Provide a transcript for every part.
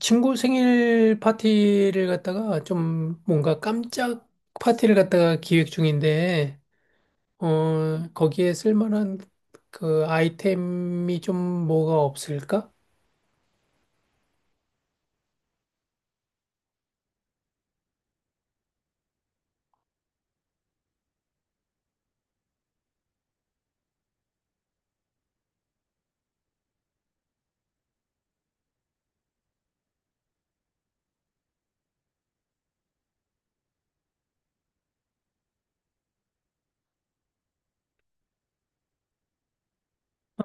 친구 생일 파티를 갖다가 좀 뭔가 깜짝 파티를 갖다가 기획 중인데, 거기에 쓸만한 그 아이템이 좀 뭐가 없을까?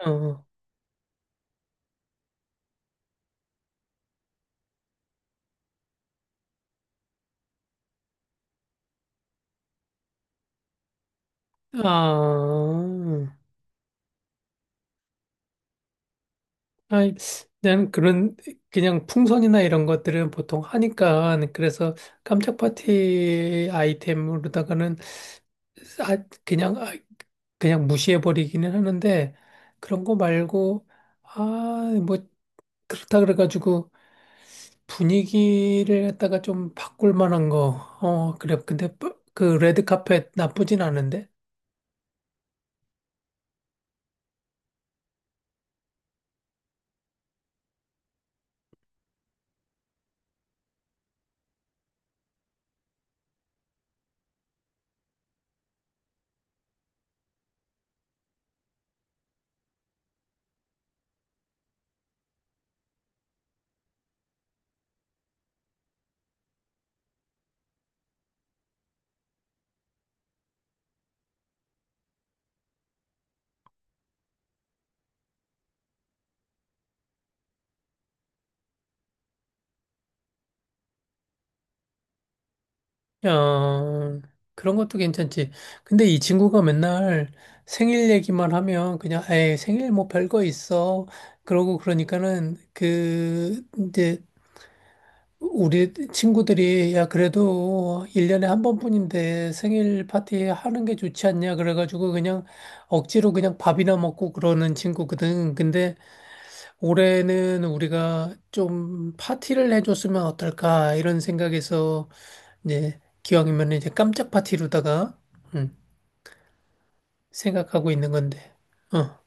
어, 아, 아이, 난 그냥 풍선이나 이런 것들은 보통 하니까, 그래서 깜짝 파티 아이템으로다가는 아, 그냥, 아, 그냥 무시해버리기는 하는데, 그런 거 말고, 아, 뭐, 그렇다 그래가지고, 분위기를 갖다가 좀 바꿀 만한 거, 그래. 근데, 레드 카펫 나쁘진 않은데? 어, 그런 것도 괜찮지. 근데 이 친구가 맨날 생일 얘기만 하면, 그냥, 에이, 생일 뭐 별거 있어. 그러고 그러니까는, 우리 친구들이 야 그래도 1년에 한 번뿐인데 생일 파티 하는 게 좋지 않냐 그래가지고 그냥 억지로 그냥 밥이나 먹고 그러는 친구거든. 근데 올해는 우리가 좀 파티를 해줬으면 어떨까 이런 생각에서 이제 기왕이면 이제 깜짝 파티로다가 음, 생각하고 있는 건데. 어,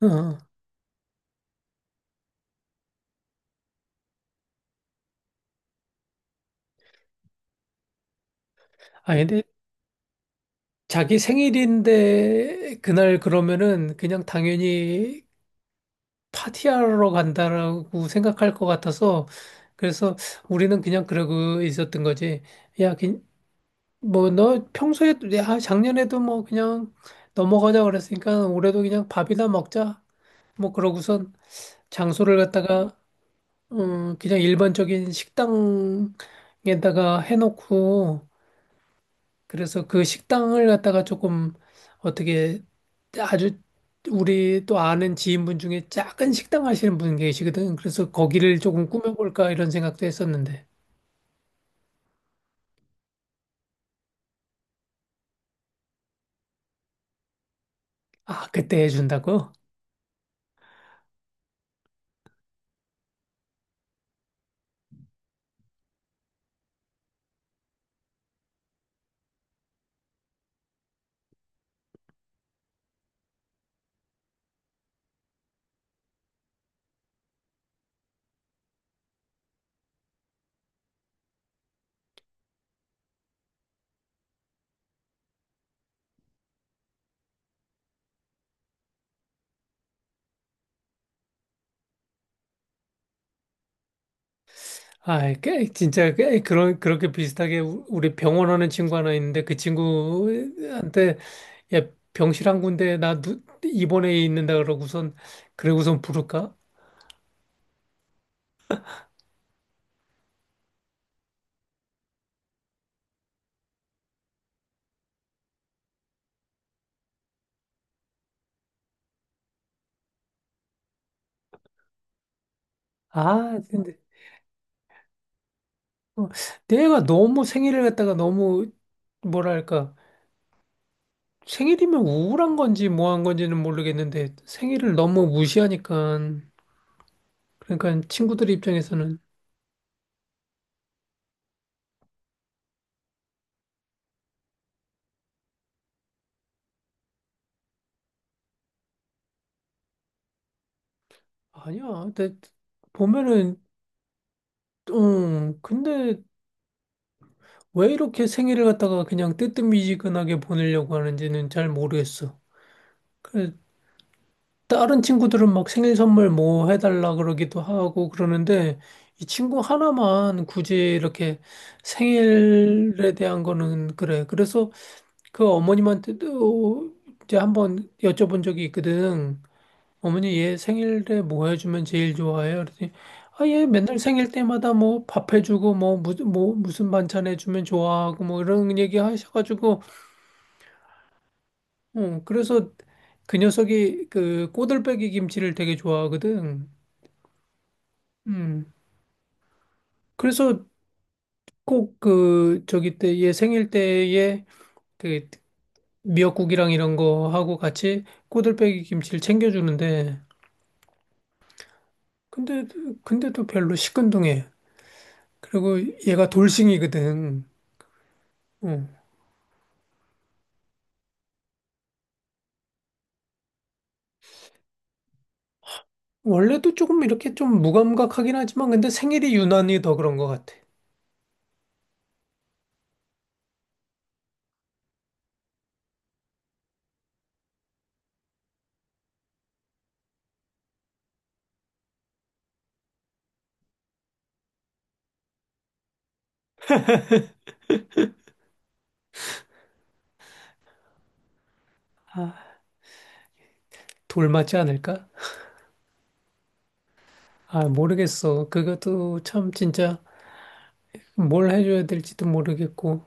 어. 아 근데 자기 생일인데 그날 그러면은 그냥 당연히 파티하러 간다라고 생각할 것 같아서 그래서 우리는 그냥 그러고 있었던 거지. 야, 뭐 너 평소에 야, 작년에도 뭐 그냥 넘어가자 그랬으니까 올해도 그냥 밥이나 먹자. 뭐 그러고선 장소를 갖다가 그냥 일반적인 식당에다가 해놓고 그래서 그 식당을 갖다가 조금 어떻게 아주 우리 또 아는 지인분 중에 작은 식당 하시는 분 계시거든. 그래서 거기를 조금 꾸며볼까 이런 생각도 했었는데. 아, 그때 해준다고? 꽤, 진짜 꽤 그렇게 비슷하게 우리 병원 하는 친구 하나 있는데 그 친구한테 야, 병실 한 군데 나 입원해 있는다 그러고선 부를까? 아, 근데 어, 내가 너무 생일을 갖다가 너무 뭐랄까 생일이면 우울한 건지 뭐한 건지는 모르겠는데 생일을 너무 무시하니까 그러니까 친구들 입장에서는 아니야. 근데 보면은 응 근데 왜 이렇게 생일을 갖다가 그냥 뜨뜻미지근하게 보내려고 하는지는 잘 모르겠어. 그 다른 친구들은 막 생일 선물 뭐 해달라 그러기도 하고 그러는데 이 친구 하나만 굳이 이렇게 생일에 대한 거는 그래. 그래서 그 어머님한테도 이제 한번 여쭤본 적이 있거든. 어머니 얘 생일에 뭐 해주면 제일 좋아해요? 그랬더니 아, 얘 맨날 생일 때마다 뭐 밥 해주고 뭐 무슨 반찬 해주면 좋아하고 뭐 이런 얘기 하셔가지고 그래서 그 녀석이 그 꼬들빼기 김치를 되게 좋아하거든. 음. 그래서 꼭 그 저기 때 얘 생일 때에 그 미역국이랑 이런 거 하고 같이 꼬들빼기 김치를 챙겨주는데 근데, 근데도 별로 시큰둥해. 그리고 얘가 돌싱이거든. 응. 원래도 조금 이렇게 좀 무감각하긴 하지만, 근데 생일이 유난히 더 그런 것 같아. 아, 돌 맞지 않을까? 아, 모르겠어. 그것도 참 진짜 뭘 해줘야 될지도 모르겠고.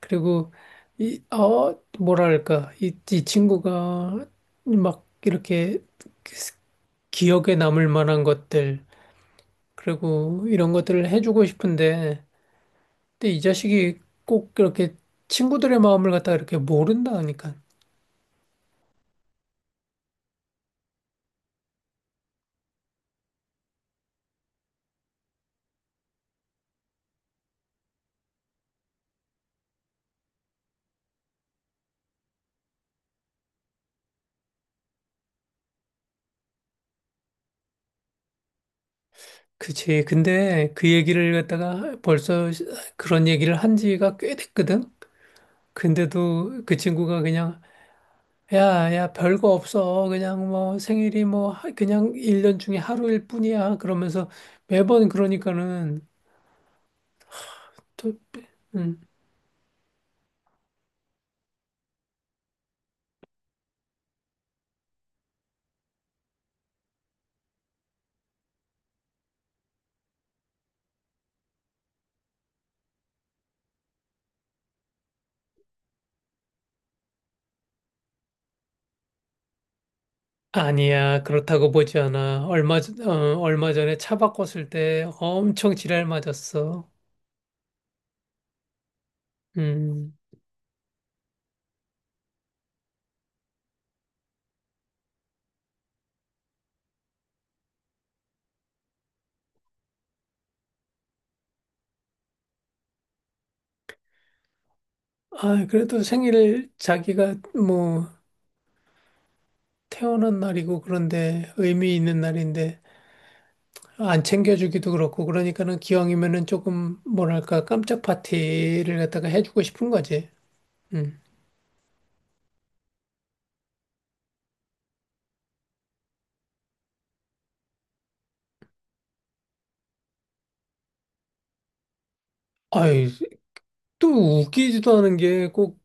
그리고, 이, 어, 뭐랄까. 이 친구가 막 이렇게 기억에 남을 만한 것들, 그리고 이런 것들을 해주고 싶은데, 근데 이 자식이 꼭 그렇게 친구들의 마음을 갖다가 이렇게 모른다니까. 그치. 근데 그 얘기를 갖다가 벌써 그런 얘기를 한 지가 꽤 됐거든? 근데도 그 친구가 그냥, 야, 야, 별거 없어. 그냥 뭐 생일이 그냥 일년 중에 하루일 뿐이야. 그러면서 매번 그러니까는 또, 음. 아니야. 그렇다고 보지 않아. 얼마 전에 차 바꿨을 때 엄청 지랄 맞았어. 음. 아, 그래도 생일 자기가 뭐 태어난 날이고 그런데 의미 있는 날인데 안 챙겨주기도 그렇고 그러니까는 기왕이면은 조금 뭐랄까 깜짝 파티를 갖다가 해주고 싶은 거지. 음. 아이, 또 웃기지도 않은 게 꼭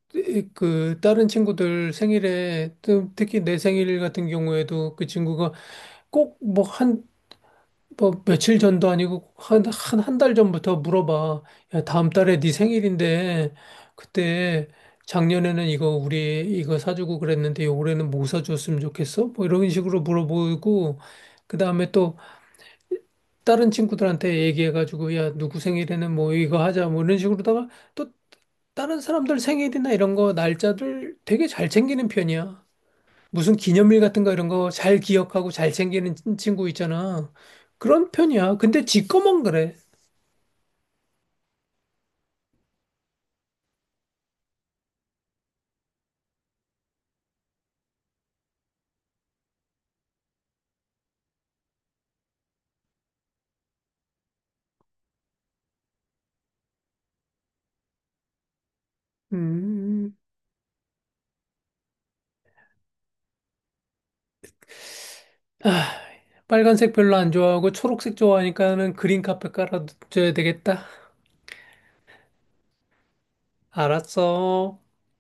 그 다른 친구들 생일에 또 특히 내 생일 같은 경우에도 그 친구가 꼭뭐한 뭐 며칠 전도 아니고 1달 전부터 물어봐. 야, 다음 달에 네 생일인데 그때 작년에는 이거 우리 이거 사주고 그랬는데 올해는 뭐 사줬으면 좋겠어? 뭐 이런 식으로 물어보고 그다음에 또 다른 친구들한테 얘기해가지고 야, 누구 생일에는 뭐 이거 하자 뭐 이런 식으로다가 또 다른 사람들 생일이나 이런 거 날짜들 되게 잘 챙기는 편이야. 무슨 기념일 같은 거 이런 거 잘 기억하고 잘 챙기는 친구 있잖아. 그런 편이야. 근데 지 거만 그래. 음, 아, 빨간색 별로 안 좋아하고 초록색 좋아하니까는 그린 카펫 깔아줘야 되겠다. 알았어.